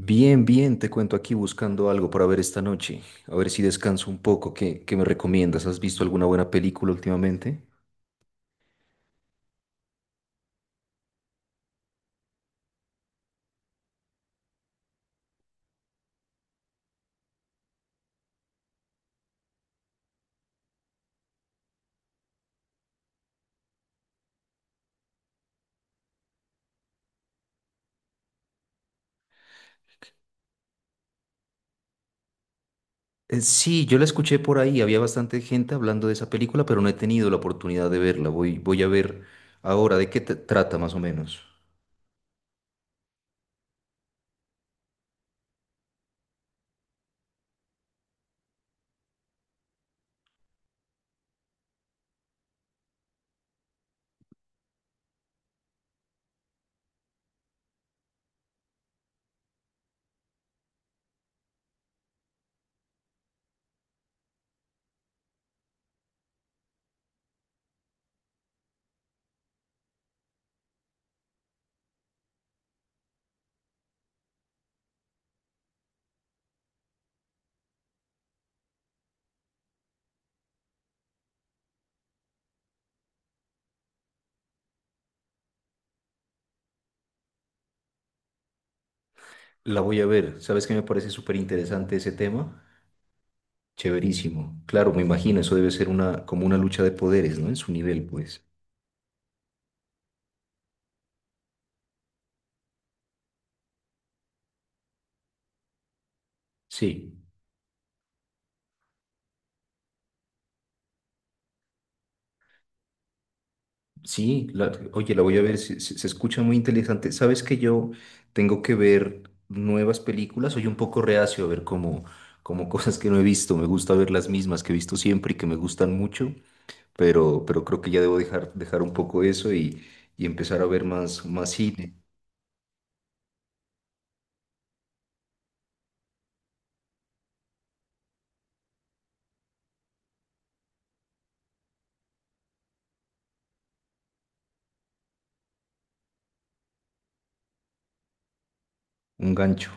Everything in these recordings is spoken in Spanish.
Bien, bien, te cuento aquí buscando algo para ver esta noche. A ver si descanso un poco. ¿Qué me recomiendas? ¿Has visto alguna buena película últimamente? Sí, yo la escuché por ahí. Había bastante gente hablando de esa película, pero no he tenido la oportunidad de verla. Voy a ver ahora de qué te trata más o menos. La voy a ver. ¿Sabes qué me parece súper interesante ese tema? Chéverísimo. Claro, me imagino, eso debe ser una, como una lucha de poderes, ¿no? En su nivel, pues. Sí. Sí, oye, la voy a ver, se escucha muy interesante. Sabes que yo tengo que ver nuevas películas, soy un poco reacio a ver como cosas que no he visto, me gusta ver las mismas que he visto siempre y que me gustan mucho, pero creo que ya debo dejar un poco eso y empezar a ver más cine, un gancho.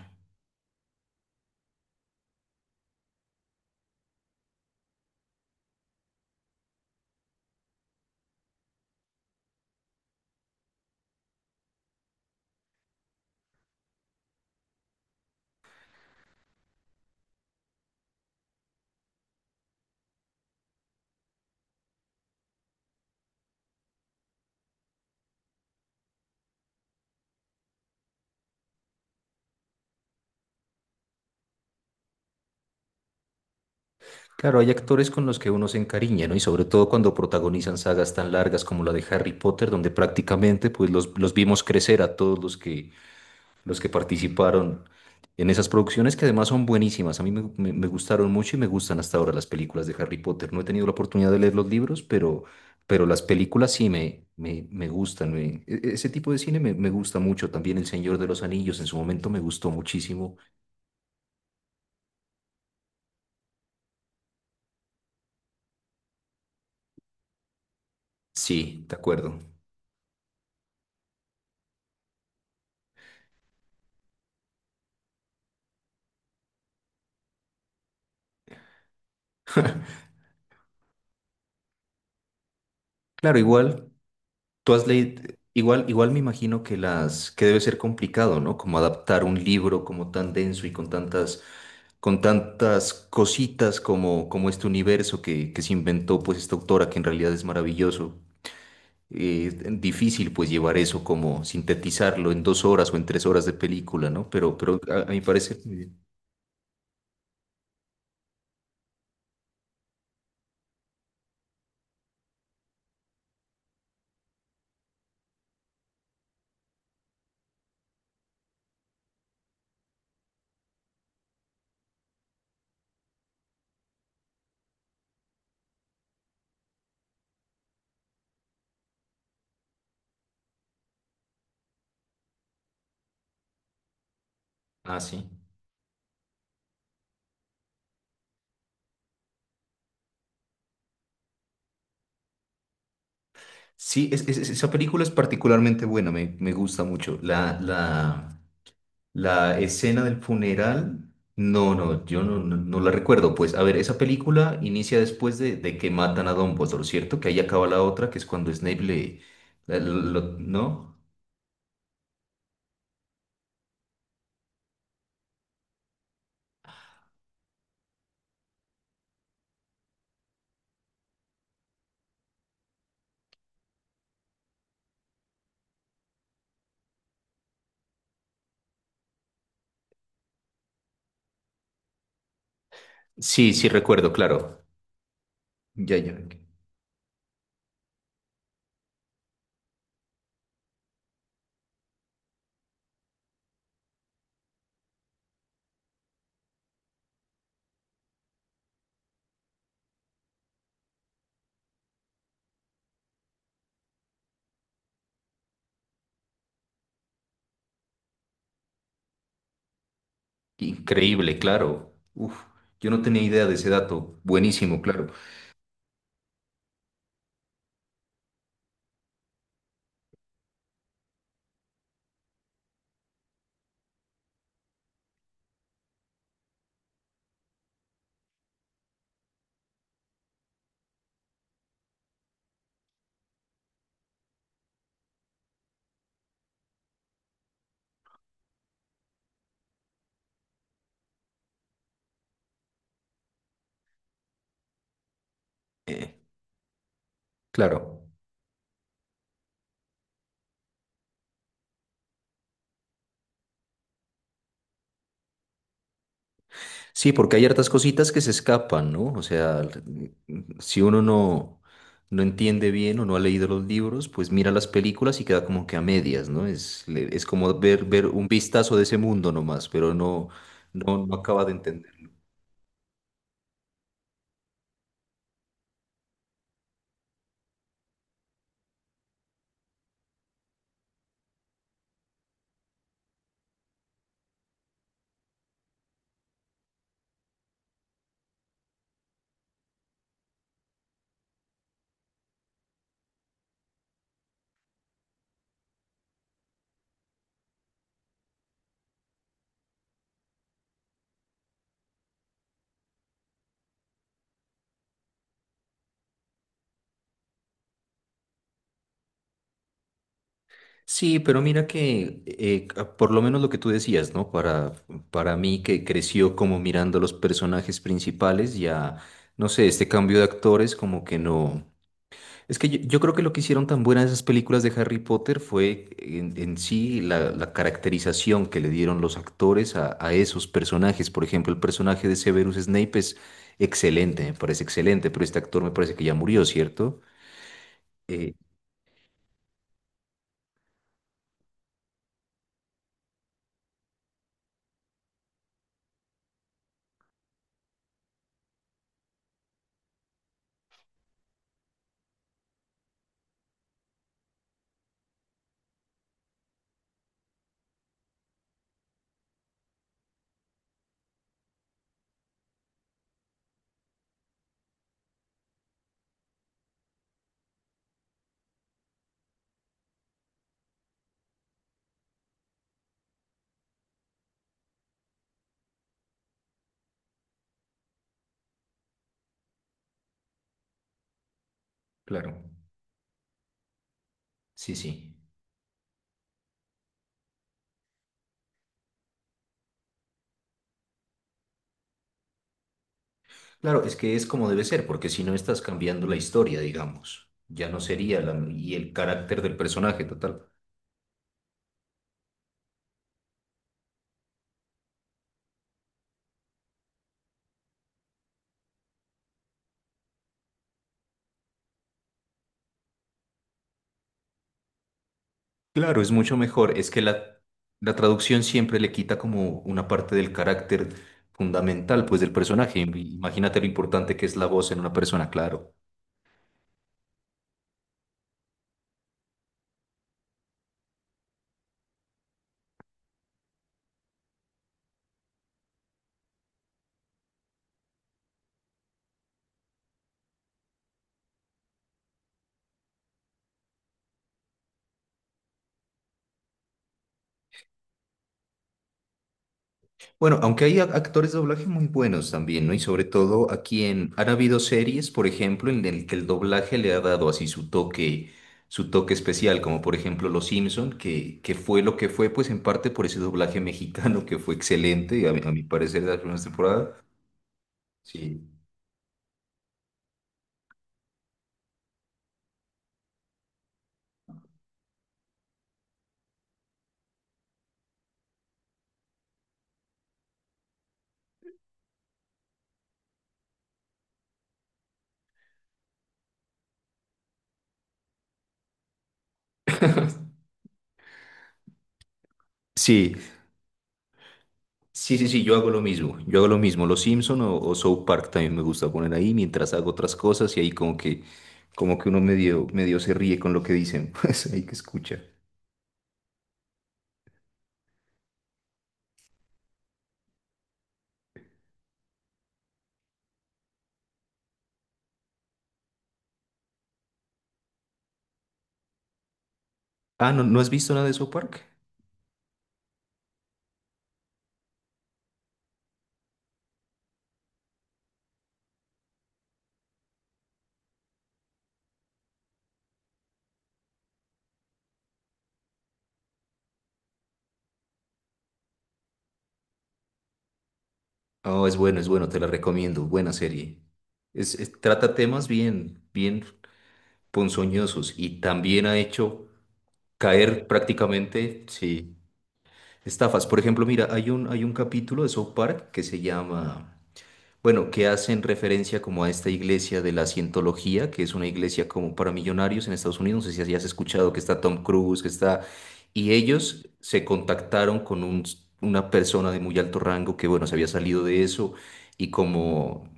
Claro, hay actores con los que uno se encariña, ¿no? Y sobre todo cuando protagonizan sagas tan largas como la de Harry Potter, donde prácticamente pues los vimos crecer a todos los que participaron en esas producciones que además son buenísimas. A mí me gustaron mucho y me gustan hasta ahora las películas de Harry Potter. No he tenido la oportunidad de leer los libros, pero las películas sí me gustan. Ese tipo de cine me gusta mucho. También El Señor de los Anillos en su momento me gustó muchísimo. Sí, de acuerdo. Claro, igual. Tú has leído, igual me imagino que las, que debe ser complicado, ¿no? Como adaptar un libro como tan denso y con tantas cositas como, como este universo que se inventó pues esta autora que en realidad es maravilloso. Eh, Difícil pues llevar eso como sintetizarlo en dos horas o en tres horas de película, ¿no? Pero a mi parecer... Muy bien. Ah, sí. Sí, esa película es particularmente buena, me gusta mucho. La escena del funeral, no, yo no la recuerdo. Pues, a ver, esa película inicia después de que matan a Dumbledore, ¿cierto? Que ahí acaba la otra, que es cuando Snape le... ¿no? Sí, sí, recuerdo, claro. Ya, ya. Increíble, claro. Uf, yo no tenía idea de ese dato. Buenísimo, claro. Eh, claro. Sí, porque hay hartas cositas que se escapan, ¿no? O sea, si uno no entiende bien o no ha leído los libros, pues mira las películas y queda como que a medias, ¿no? Es como ver, ver un vistazo de ese mundo nomás, pero no acaba de entender. Sí, pero mira que por lo menos lo que tú decías, ¿no? Para mí que creció como mirando los personajes principales, ya, no sé, este cambio de actores como que no. Es que yo creo que lo que hicieron tan buenas esas películas de Harry Potter fue en sí la caracterización que le dieron los actores a esos personajes. Por ejemplo, el personaje de Severus Snape es excelente, me parece excelente, pero este actor me parece que ya murió, ¿cierto? Eh, claro, sí, sí. Claro, es que es como debe ser, porque si no estás cambiando la historia, digamos, ya no sería la, y el carácter del personaje total. Claro, es mucho mejor. La traducción siempre le quita como una parte del carácter fundamental, pues, del personaje. Imagínate lo importante que es la voz en una persona, claro. Bueno, aunque hay actores de doblaje muy buenos también, ¿no? Y sobre todo aquí en... Han habido series, por ejemplo, en el que el doblaje le ha dado así su toque especial, como por ejemplo Los Simpson, que fue lo que fue, pues, en parte por ese doblaje mexicano que fue excelente, a a mi parecer, de las primeras temporadas. Sí. Sí, sí, sí, sí, yo hago lo mismo. Yo hago lo mismo. Los Simpson o South Park también me gusta poner ahí mientras hago otras cosas y ahí como que uno medio se ríe con lo que dicen. Pues ahí que escucha. Ah, ¿no, no has visto nada de South Park? Oh, es bueno, te la recomiendo. Buena serie. Trata temas bien, bien ponzoñosos y también ha hecho caer prácticamente, sí, estafas. Por ejemplo, mira, hay hay un capítulo de South Park que se llama... bueno, que hacen referencia como a esta iglesia de la cientología, que es una iglesia como para millonarios en Estados Unidos, no sé si has escuchado que está Tom Cruise, que está... Y ellos se contactaron con una persona de muy alto rango que, bueno, se había salido de eso y como,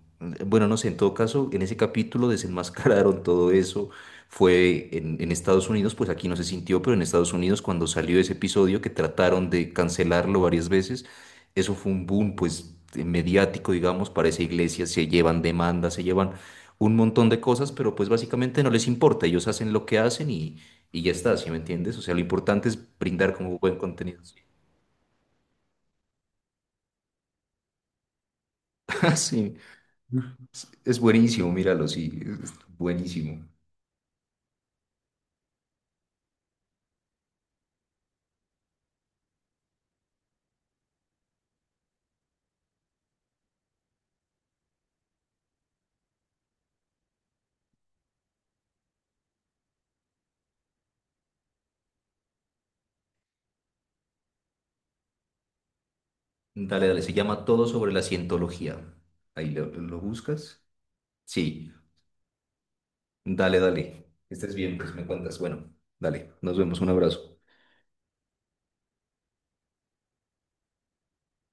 bueno, no sé, en todo caso, en ese capítulo desenmascararon todo eso. Fue en Estados Unidos, pues aquí no se sintió, pero en Estados Unidos cuando salió ese episodio que trataron de cancelarlo varias veces eso fue un boom, pues, mediático, digamos, para esa iglesia, se llevan demandas, se llevan un montón de cosas, pero pues básicamente no les importa, ellos hacen lo que hacen y ya está, ¿sí me entiendes? O sea, lo importante es brindar como buen contenido. Sí, Sí, es buenísimo, míralo, sí, es buenísimo. Dale, dale, se llama Todo sobre la cientología. Ahí lo buscas. Sí, dale, dale. Estés bien, pues me cuentas. Bueno, dale, nos vemos, un abrazo.